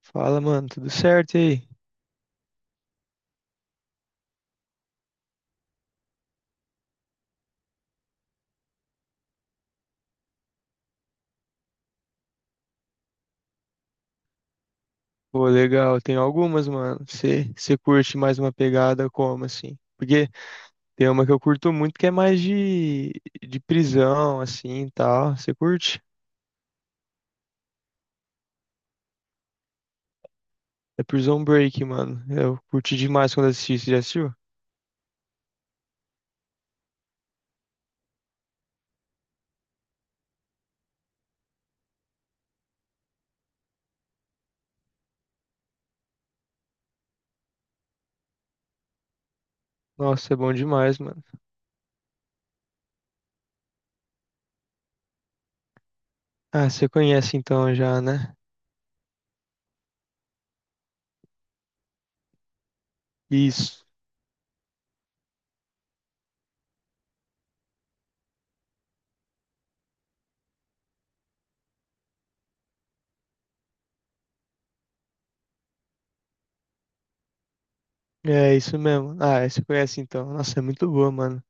Fala, mano, tudo certo e aí? Pô, legal, tem algumas, mano. Você curte mais uma pegada como assim? Porque tem uma que eu curto muito que é mais de prisão, assim, e tal. Você curte? É Prison Break, mano. Eu curti demais quando assisti, você já assistiu? Nossa, é bom demais, mano. Ah, você conhece então já, né? Isso. É, isso mesmo. Ah, você conhece então. Nossa, é muito boa, mano.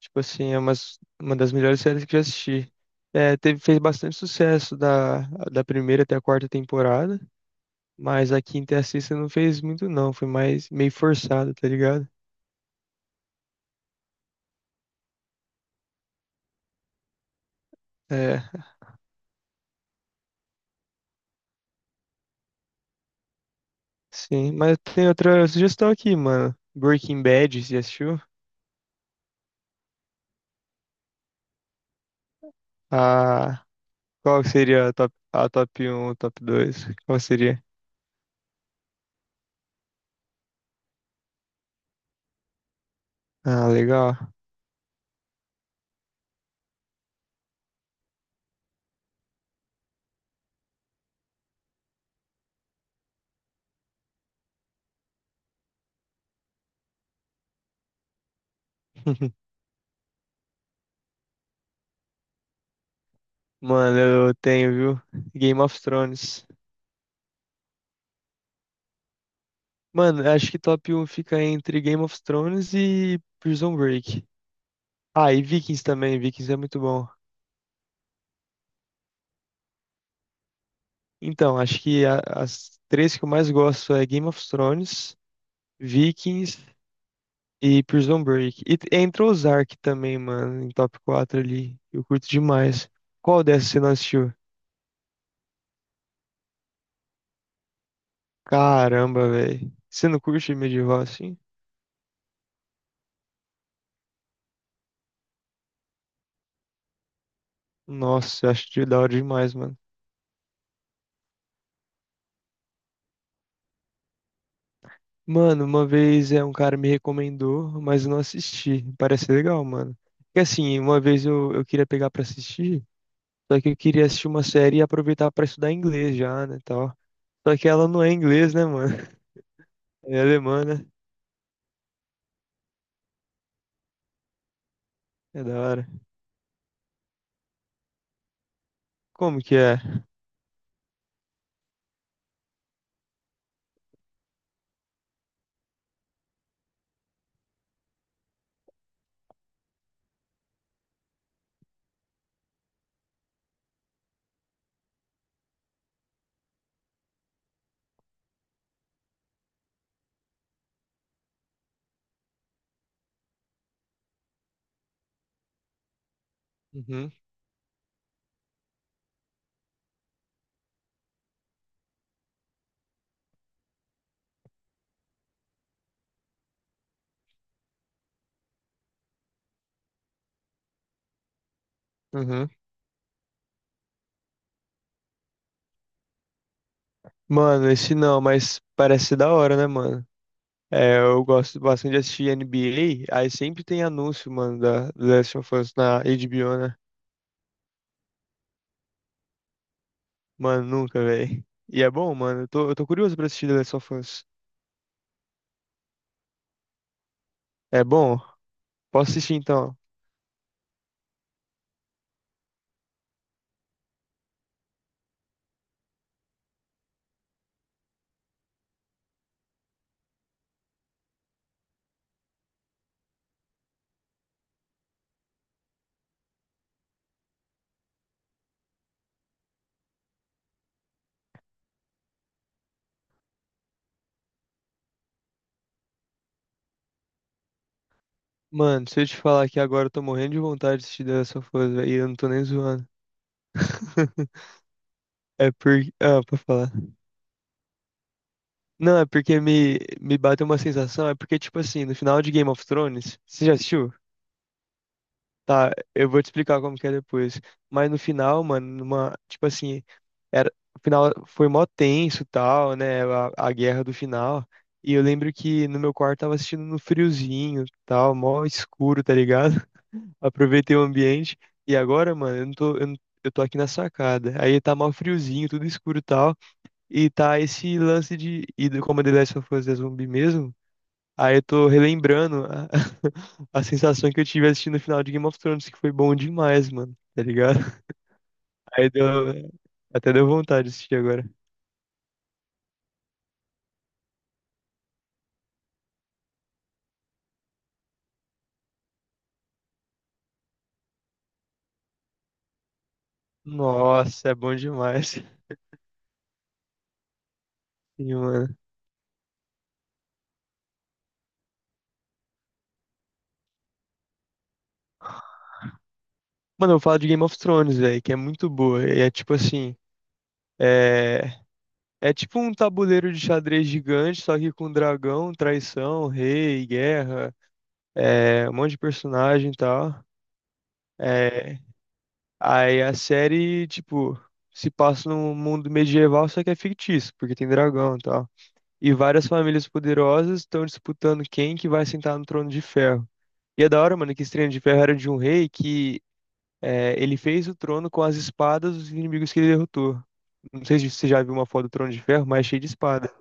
Tipo assim, uma das melhores séries que já assisti. É, teve, fez bastante sucesso da primeira até a quarta temporada, mas a quinta e a sexta não fez muito não, foi mais meio forçado, tá ligado? É, sim, mas tem outra sugestão aqui, mano. Breaking Bad, você já assistiu? Ah, qual que seria a top um, top dois? Qual seria? Ah, legal. Mano, eu tenho, viu? Game of Thrones. Mano, eu acho que top um fica entre Game of Thrones e Prison Break. Ah, e Vikings também, Vikings é muito bom. Então, acho que as três que eu mais gosto é Game of Thrones, Vikings e Prison Break. E entra Ozark também, mano, em top 4 ali. Eu curto demais. Qual dessas você não assistiu? Caramba, velho. Você não curte medieval assim? Nossa, eu acho de da hora demais, mano. Mano, uma vez é um cara me recomendou, mas eu não assisti. Parece legal, mano. Porque assim, uma vez eu queria pegar pra assistir, só que eu queria assistir uma série e aproveitar pra estudar inglês já, né, tal. Só que ela não é inglês, né, mano? É alemã, né? É da hora. Como que é? Uhum, uhum. Mano, esse não, mas parece ser da hora, né, mano? É, eu gosto bastante de assistir NBA, aí sempre tem anúncio, mano, da The Last of Us na HBO, né? Mano, nunca, velho. E é bom, mano. Eu tô curioso pra assistir The Last of Us. É bom? Posso assistir então? Mano, se eu te falar que agora eu tô morrendo de vontade de assistir The Last of Us, velho, e eu não tô nem zoando. É porque. Ah, pra falar. Não, é porque me bateu uma sensação. É porque, tipo assim, no final de Game of Thrones. Você já assistiu? Tá, eu vou te explicar como que é depois. Mas no final, mano, numa, tipo assim, era, o final foi mó tenso, tal, né? A guerra do final. E eu lembro que no meu quarto tava assistindo no friozinho, tal, mó escuro, tá ligado? Aproveitei o ambiente. E agora, mano, eu não tô, eu, não- eu tô aqui na sacada. Aí tá mó friozinho, tudo escuro, tal. E tá esse lance como a The Last of Us é zumbi mesmo. Aí eu tô relembrando a, a sensação que eu tive assistindo o final de Game of Thrones, que foi bom demais, mano. Tá ligado? Aí deu, até deu vontade de assistir agora. Nossa, é bom demais. Sim, mano. Mano, eu falo de Game of Thrones, velho, que é muito boa. E é tipo assim, é... é tipo um tabuleiro de xadrez gigante, só que com dragão, traição, rei, guerra, é... um monte de personagem e tal. É, aí a série, tipo, se passa num mundo medieval, só que é fictício, porque tem dragão e tal. E várias famílias poderosas estão disputando quem que vai sentar no trono de ferro. E é da hora, mano, que esse trono de ferro era de um rei que é, ele fez o trono com as espadas dos inimigos que ele derrotou. Não sei se você já viu uma foto do trono de ferro, mas é cheio de espada.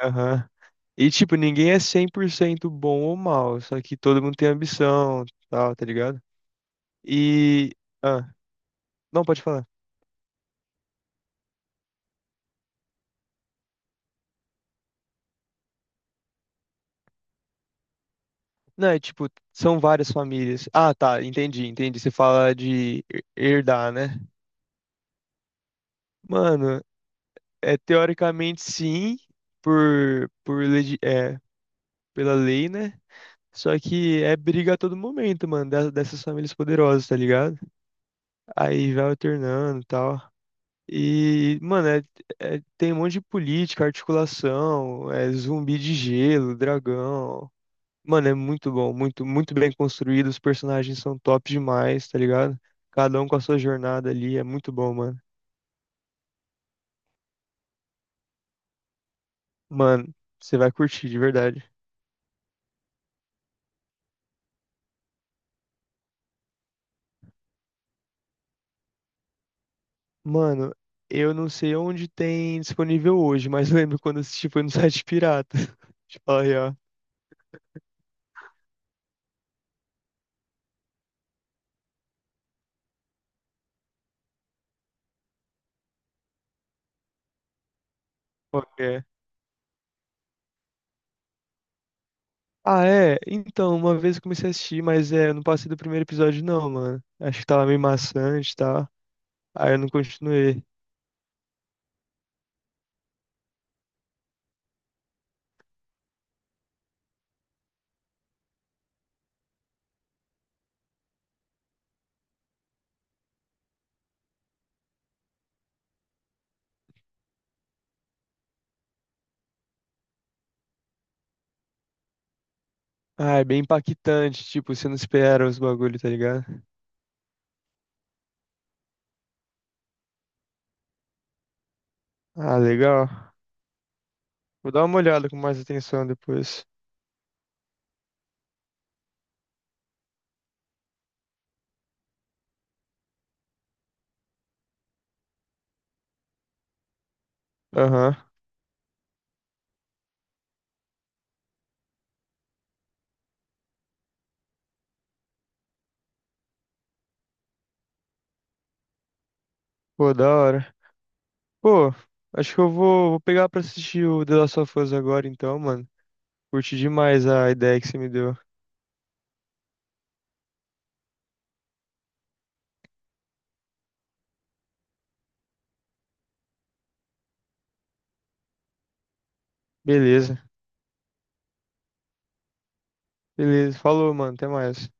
Aham. E, tipo, ninguém é 100% bom ou mal, só que todo mundo tem ambição, tal, tá ligado? E... Ah, não, pode falar. Não, é tipo, são várias famílias. Ah, tá, entendi, entendi. Você fala de herdar, né? Mano, é teoricamente sim, por pela lei, né? Só que é briga a todo momento, mano, dessas famílias poderosas, tá ligado? Aí vai alternando e tal. E, mano, tem um monte de política, articulação, é zumbi de gelo, dragão. Mano, é muito bom, muito, bem construído. Os personagens são top demais, tá ligado? Cada um com a sua jornada ali, é muito bom, mano. Mano, você vai curtir, de verdade. Mano, eu não sei onde tem disponível hoje, mas eu lembro quando eu assisti foi no site pirata. Tipo, aí, ó. Qual que é? Ah, é? Então, uma vez eu comecei a assistir, mas é, eu não passei do primeiro episódio, não, mano. Acho que tava meio maçante e tal. Aí eu não continuei. Ah, é bem impactante, tipo, você não espera os bagulhos, tá ligado? Ah, legal. Vou dar uma olhada com mais atenção depois. Aham. Pô, da hora. Pô, acho que vou pegar pra assistir o The Last of Us agora então, mano. Curti demais a ideia que você me deu. Beleza, beleza. Falou, mano. Até mais.